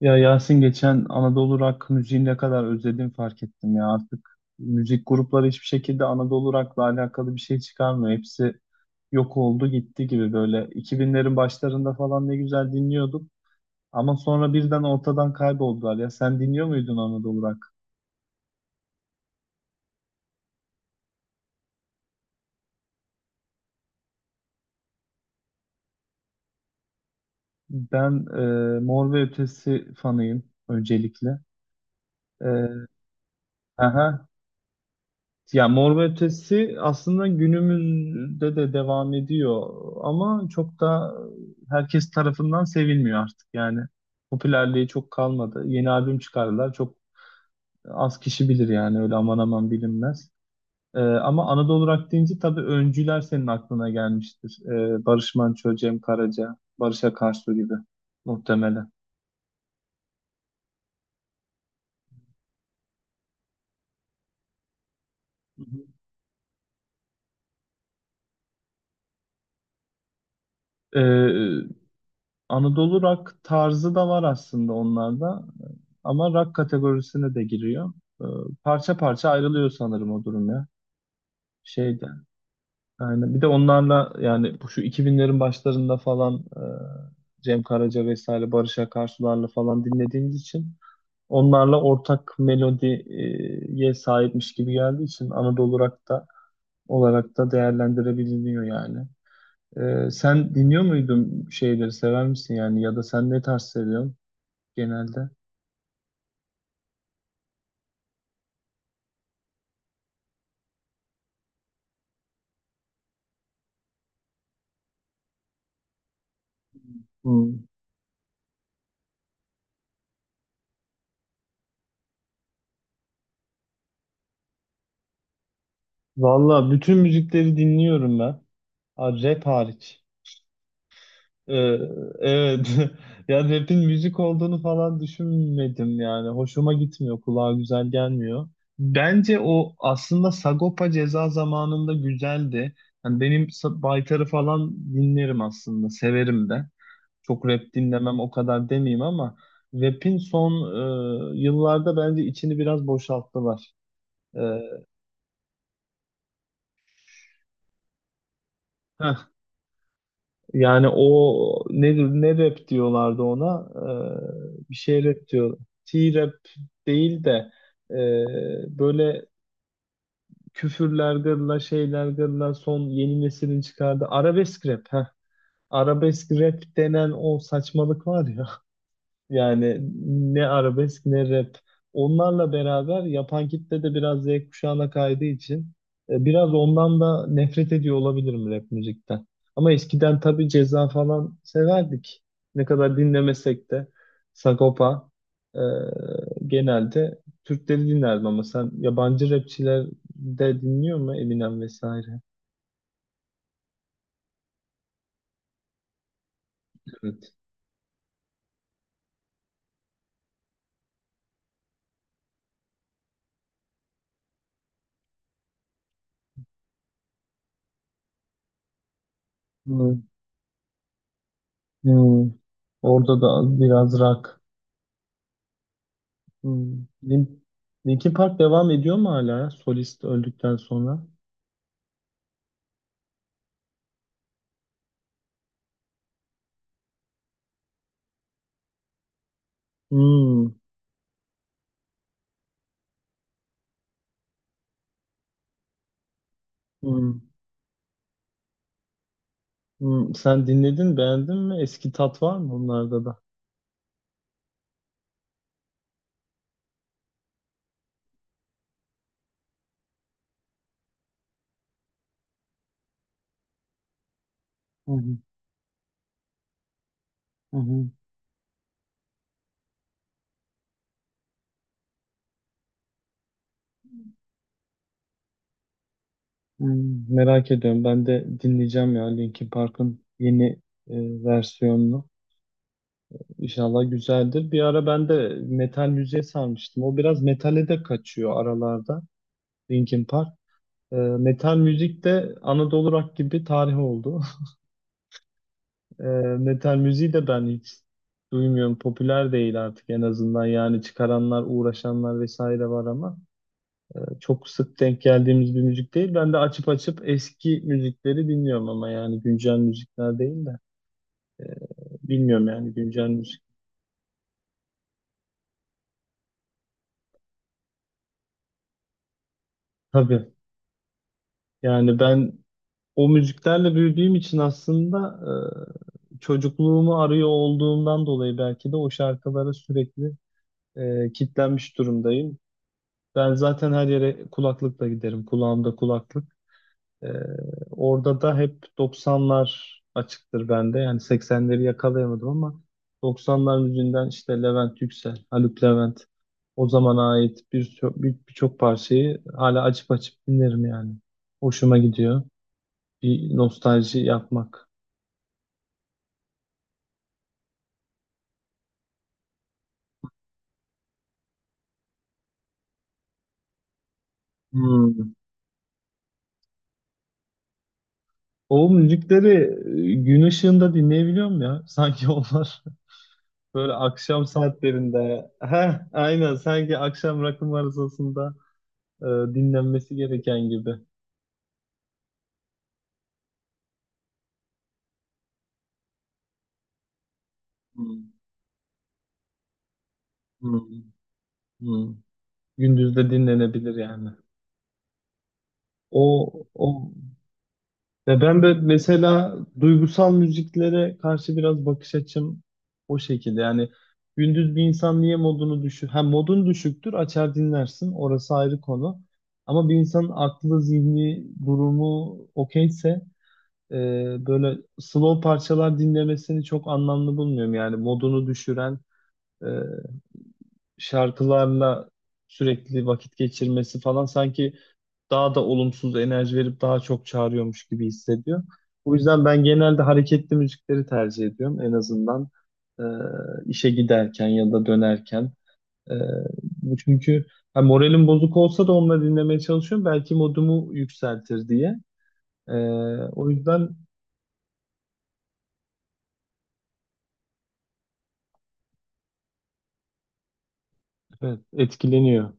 Ya Yasin geçen Anadolu rock müziğini ne kadar özledim fark ettim ya, artık müzik grupları hiçbir şekilde Anadolu rock'la alakalı bir şey çıkarmıyor. Hepsi yok oldu gitti gibi böyle 2000'lerin başlarında falan ne güzel dinliyorduk ama sonra birden ortadan kayboldular. Ya sen dinliyor muydun Anadolu rock? Ben Mor ve Ötesi fanıyım öncelikle. E, aha, Ya Mor ve Ötesi aslında günümüzde de devam ediyor ama çok da herkes tarafından sevilmiyor artık yani. Popülerliği çok kalmadı. Yeni albüm çıkardılar. Çok az kişi bilir yani, öyle aman aman bilinmez. Ama Anadolu Rock deyince tabii öncüler senin aklına gelmiştir. Barış Manço, Cem Karaca, Barış Akarsu gibi muhtemelen. Hı hı. Anadolu rock tarzı da var aslında onlarda. Ama rock kategorisine de giriyor. Ee, Parça parça ayrılıyor sanırım o durum ya. Şeyde. Yani bir de onlarla yani bu şu iki binlerin başlarında falan Cem Karaca vesaire Barış Akarsularla falan dinlediğimiz için onlarla ortak melodiye sahipmiş gibi geldiği için Anadolu rock da olarak da değerlendirebiliniyor yani. Sen dinliyor muydun, şeyleri sever misin yani, ya da sen ne tarz seviyorsun genelde? Hmm. Valla bütün müzikleri dinliyorum ben. Ha, rap hariç. Ee, evet. Ya rap'in müzik olduğunu falan düşünmedim yani. Hoşuma gitmiyor. Kulağa güzel gelmiyor. Bence o aslında Sagopa Ceza zamanında güzeldi. Yani benim Baytar'ı falan dinlerim aslında. Severim de. Çok rap dinlemem o kadar demeyeyim ama rap'in son yıllarda bence içini biraz boşalttılar. Ee, heh. Yani ne rap diyorlardı ona? Bir şey rap diyor. T-rap değil de böyle küfürler gırla, şeyler gırla, son yeni neslin çıkardığı arabesk rap. Heh. Arabesk rap denen o saçmalık var ya. Yani ne arabesk ne rap. Onlarla beraber yapan kitle de biraz Z kuşağına kaydığı için biraz ondan da nefret ediyor olabilirim rap müzikten. Ama eskiden tabii Ceza falan severdik. Ne kadar dinlemesek de Sagopa e, genelde Türkleri dinlerdim ama sen yabancı rapçiler de dinliyor mu, Eminem vesaire? Evet. Hmm. Hmm. Orada da biraz rock. Hmm. Lin- Linkin Park devam ediyor mu hala ya, solist öldükten sonra? Hmm. Hmm. Hmm. Sen dinledin, beğendin mi? Eski tat var mı onlarda da? Hı hı. Hı hı. Hmm. Merak ediyorum. Ben de dinleyeceğim ya, Linkin Park'ın yeni versiyonunu. İnşallah güzeldir. Bir ara ben de metal müziğe sarmıştım. O biraz metale de kaçıyor aralarda Linkin Park. E, metal müzik de Anadolu Rock gibi tarih oldu. Ee, Metal müziği de ben hiç duymuyorum. Popüler değil artık en azından. Yani çıkaranlar, uğraşanlar vesaire var ama çok sık denk geldiğimiz bir müzik değil. Ben de açıp açıp eski müzikleri dinliyorum ama yani güncel müzikler değil de e, bilmiyorum yani güncel müzik. Tabii yani ben o müziklerle büyüdüğüm için aslında çocukluğumu arıyor olduğumdan dolayı belki de o şarkılara sürekli kitlenmiş durumdayım. Ben zaten her yere kulaklıkla giderim. Kulağımda kulaklık. Ee, Orada da hep 90'lar açıktır bende. Yani 80'leri yakalayamadım ama 90'lar müziğinden işte Levent Yüksel, Haluk Levent, o zamana ait birçok parçayı hala açıp açıp dinlerim yani. Hoşuma gidiyor. Bir nostalji yapmak. Hmm. O müzikleri gün ışığında dinleyebiliyor muyum ya? Sanki onlar böyle akşam saatlerinde. Heh, aynen, sanki akşam rakım arızasında e, dinlenmesi gereken gibi. Hmm, hmm, hmm. Gündüz de dinlenebilir yani. O, o. Ya ben de mesela duygusal müziklere karşı biraz bakış açım o şekilde. Yani gündüz bir insan niye modunu düşük? Ha, modun düşüktür açar dinlersin, orası ayrı konu. Ama bir insanın aklı, zihni, durumu okeyse böyle slow parçalar dinlemesini çok anlamlı bulmuyorum. Yani modunu düşüren e, şarkılarla sürekli vakit geçirmesi falan sanki daha da olumsuz enerji verip daha çok çağırıyormuş gibi hissediyor. O yüzden ben genelde hareketli müzikleri tercih ediyorum. En azından e, işe giderken ya da dönerken. E, Bu çünkü ha, moralim bozuk olsa da onları dinlemeye çalışıyorum. Belki modumu yükseltir diye. E, O yüzden evet, etkileniyor.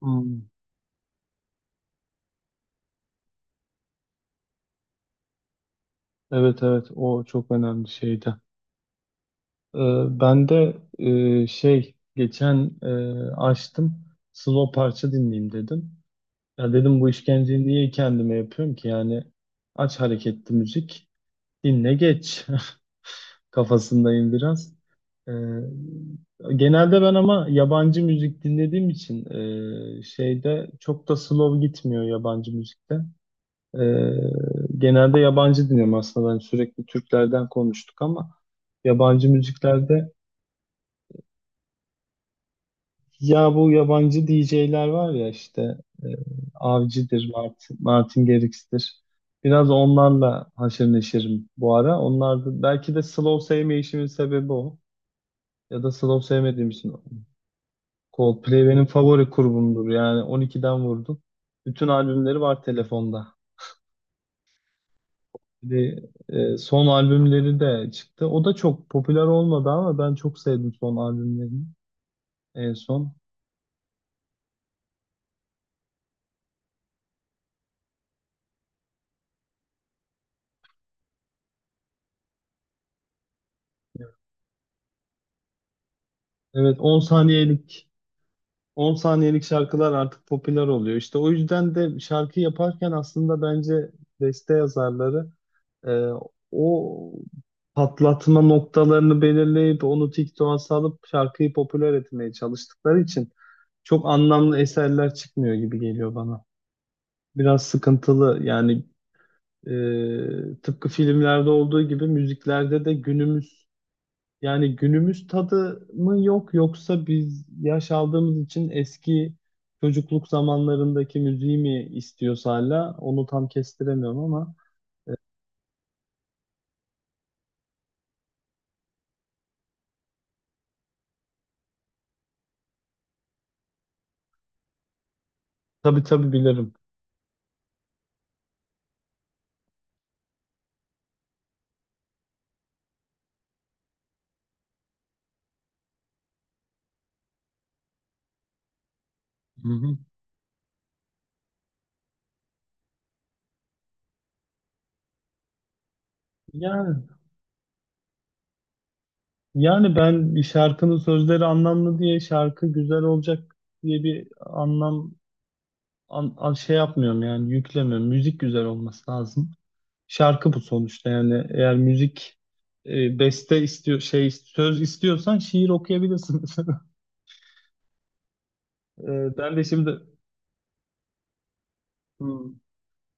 Hmm. Evet evet, o çok önemli şeydi. Ee, Ben de şey geçen açtım slow parça dinleyeyim dedim. Ya dedim, bu işkenceyi niye kendime yapıyorum ki yani? Aç hareketli müzik dinle geç kafasındayım biraz. Ee, Genelde ben ama yabancı müzik dinlediğim için şeyde çok da slow gitmiyor yabancı müzikte. Ee, Genelde yabancı dinliyorum aslında. Ben sürekli Türklerden konuştuk ama yabancı müziklerde ya bu yabancı DJ'ler var ya işte e, Avicii'dir, Martin Garrix'tir. Biraz onlarla haşır neşirim bu ara. Onlar da, belki de slow sevmeyişimin sebebi o. Ya da slow sevmediğim için. Coldplay benim favori grubumdur. Yani 12'den vurdum. Bütün albümleri var telefonda. Şimdi, son albümleri de çıktı. O da çok popüler olmadı ama ben çok sevdim son albümlerini en son. Evet, 10 saniyelik şarkılar artık popüler oluyor. İşte o yüzden de şarkı yaparken aslında bence beste yazarları e, o patlatma noktalarını belirleyip onu TikTok'a salıp şarkıyı popüler etmeye çalıştıkları için çok anlamlı eserler çıkmıyor gibi geliyor bana. Biraz sıkıntılı yani. Tıpkı filmlerde olduğu gibi müziklerde de günümüz, yani günümüz tadı mı yok, yoksa biz yaş aldığımız için eski çocukluk zamanlarındaki müziği mi istiyoruz hala, onu tam kestiremiyorum ama tabii tabii bilirim. Hı hı. Yani yani ben bir şarkının sözleri anlamlı diye şarkı güzel olacak diye bir anlam şey yapmıyorum yani, yüklemiyorum. Müzik güzel olması lazım. Şarkı bu sonuçta yani, eğer müzik beste istiyor şey söz istiyorsan şiir okuyabilirsin. E, ben de şimdi hmm,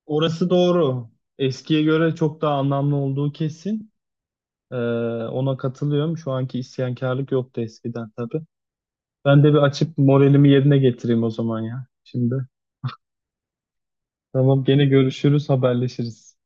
orası doğru. Eskiye göre çok daha anlamlı olduğu kesin. E, Ona katılıyorum. Şu anki isyankarlık yoktu eskiden tabii. Ben de bir açıp moralimi yerine getireyim o zaman ya şimdi. Tamam, gene görüşürüz, haberleşiriz.